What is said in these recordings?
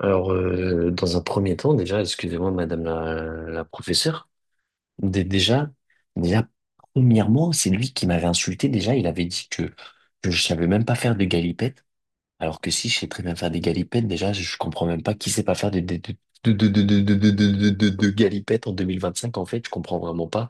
Alors, dans un premier temps, déjà, excusez-moi, madame la, la professeure. Dé- déjà, déjà, Premièrement, c'est lui qui m'avait insulté. Déjà, il avait dit que je savais même pas faire de galipettes, alors que si, je sais très bien faire des galipettes. Déjà, je comprends même pas qui sait pas faire de galipettes en 2025, en fait. Je comprends vraiment pas.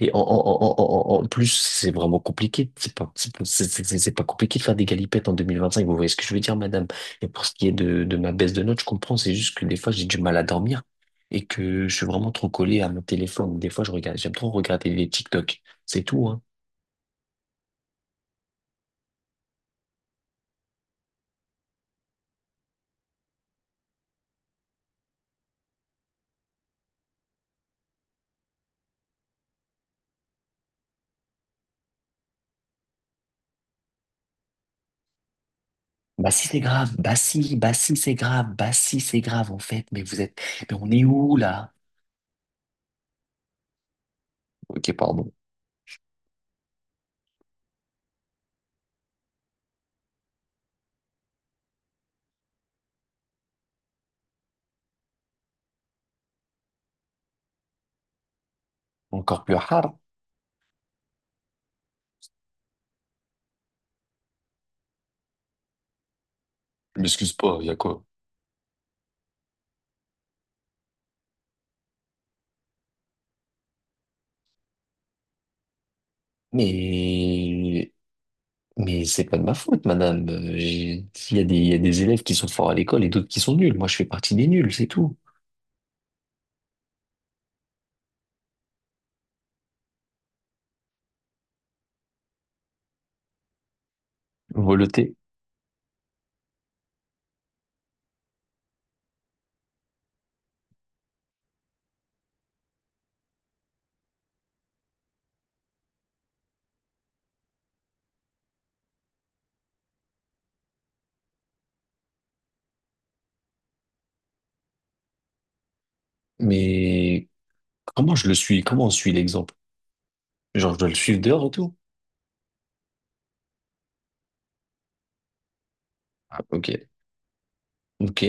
Et en plus, c'est vraiment compliqué. C'est pas compliqué de faire des galipettes en 2025. Vous voyez ce que je veux dire, madame? Et pour ce qui est de ma baisse de notes, je comprends. C'est juste que des fois, j'ai du mal à dormir et que je suis vraiment trop collé à mon téléphone. Des fois, je regarde, j'aime trop regarder les TikTok. C'est tout, hein. Bah si, c'est grave. Bah si, c'est grave. Bah si, c'est grave, en fait. Mais vous êtes, mais on est où, là? Ok, pardon. Encore plus hard. M'excuse pas, il y a quoi? Mais Mais c'est pas de ma faute, madame. J'ai- il y a il y a des élèves qui sont forts à l'école et d'autres qui sont nuls. Moi, je fais partie des nuls, c'est tout. Voleté. Mais comment je le suis? Comment on suit l'exemple? Genre, je dois le suivre dehors et tout? Ah, ok. Ok.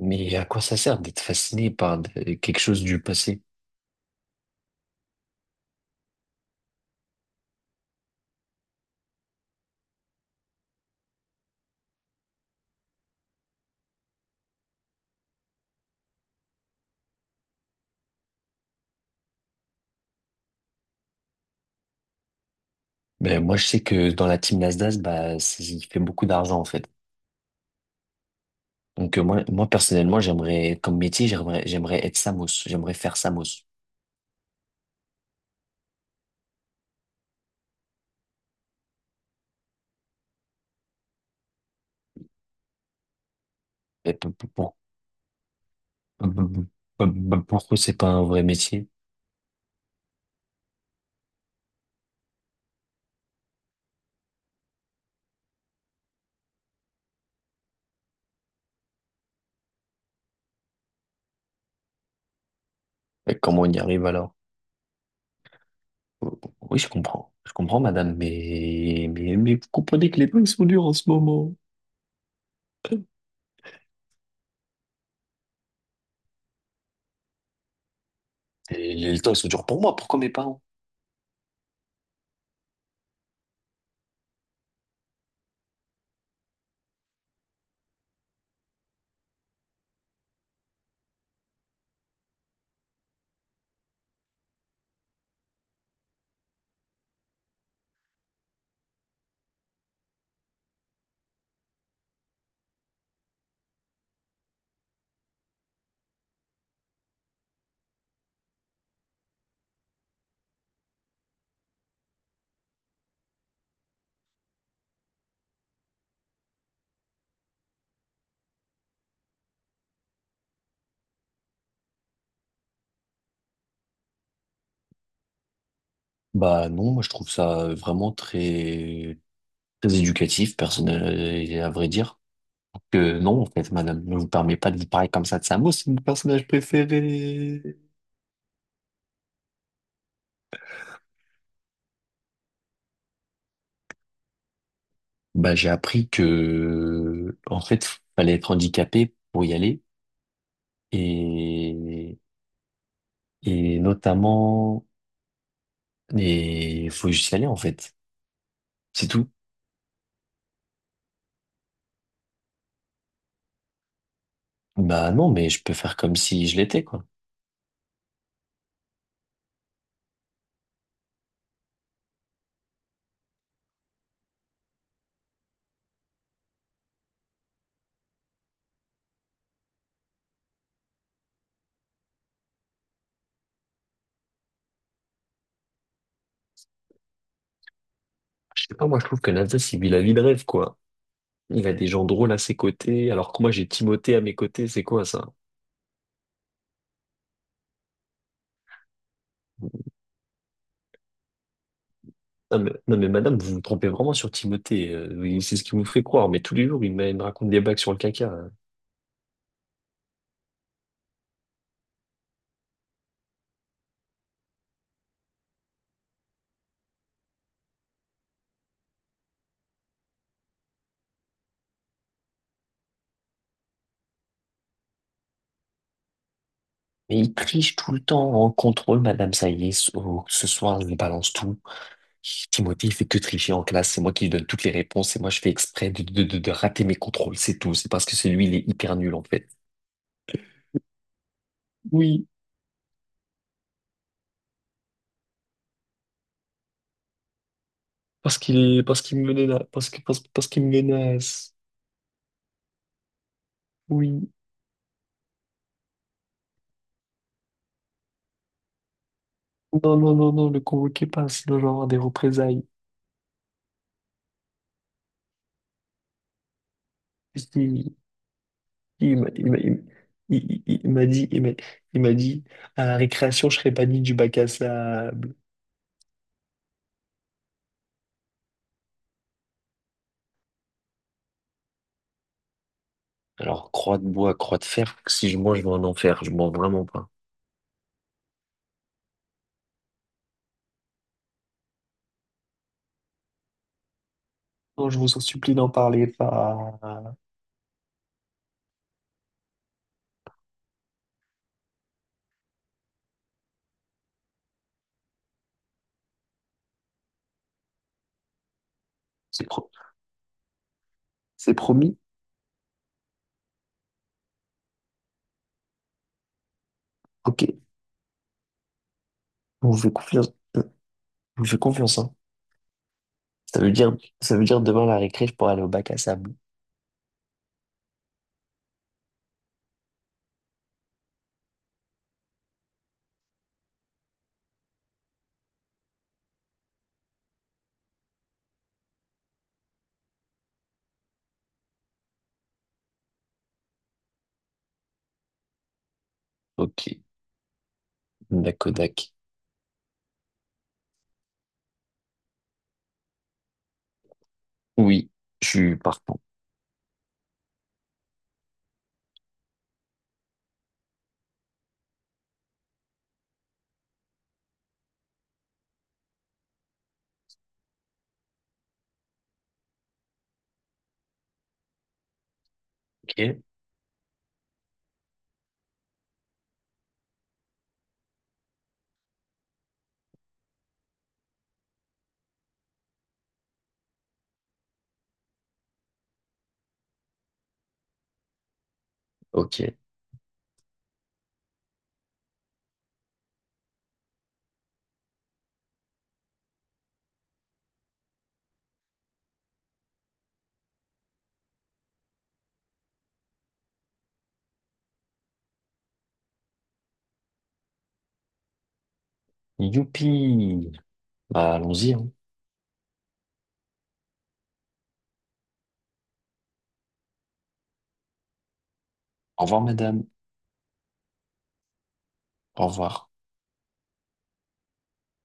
Mais à quoi ça sert d'être fasciné par de- quelque chose du passé? Ben, moi, je sais que dans la team Nasdaq, bah, c'est- il fait beaucoup d'argent, en fait. Donc, moi, personnellement, comme métier, j'aimerais être Samos. J'aimerais faire Samos. Et bah, bah, bah, pourquoi c'est pas un vrai métier? Et comment on y arrive alors? Euh, Oui, je comprends. Je comprends, madame, mais, mais vous comprenez que les temps, ils sont durs en ce moment. Et les temps, ils sont durs pour moi, pourquoi mes parents? Bah non, moi je trouve ça vraiment très, très éducatif, personnel, et à vrai dire. Que non, en fait, madame, ne vous permet pas de vous parler comme ça de Samo, c'est mon personnage préféré. Bah, j'ai appris que, en fait, fallait être handicapé pour y aller. Et, et notamment, il faut juste y aller, en fait. C'est tout. Bah, non, mais je peux faire comme si je l'étais, quoi. Je sais pas, moi, je trouve que Nasdaq, il vit la vie de rêve, quoi. Il a des gens drôles à ses côtés, alors que moi, j'ai Timothée à mes côtés, c'est quoi, ça? Non mais, non mais madame, vous vous trompez vraiment sur Timothée. Oui, c'est ce qui vous fait croire. Mais tous les jours, il me raconte des blagues sur le caca, hein. Mais il triche tout le temps en contrôle, madame. Ça y est, ce soir, je lui balance tout. Timothée, il fait que tricher en classe. C'est moi qui lui donne toutes les réponses. Et moi, je fais exprès de rater mes contrôles. C'est tout. C'est parce que c'est lui, il est hyper nul, en fait. Oui, parce qu'il est, parce qu'il me menace. Oui. Non, non, non, non, le convoquez pas, sinon je vais avoir des représailles. Si, Il m'a il m'a- il- il- il m'a dit, il m'a il m'a dit, à la récréation, je serais pas dit du bac à sable. Alors, croix de bois, croix de fer, si je mange, je vais en enfer. Je mens vraiment pas. Non, je- c'est pro- c'est promis? Ok, on vous fait confiance. On vous fait confiance, hein. Ça veut dire, Ça veut dire demain à la récré, je pourrais aller au bac à sable. Ok, Nakodak. Oui, je suis partant. Ok, ok. Youpi! Bah, allons-y, hein. Au revoir, madame. Au revoir.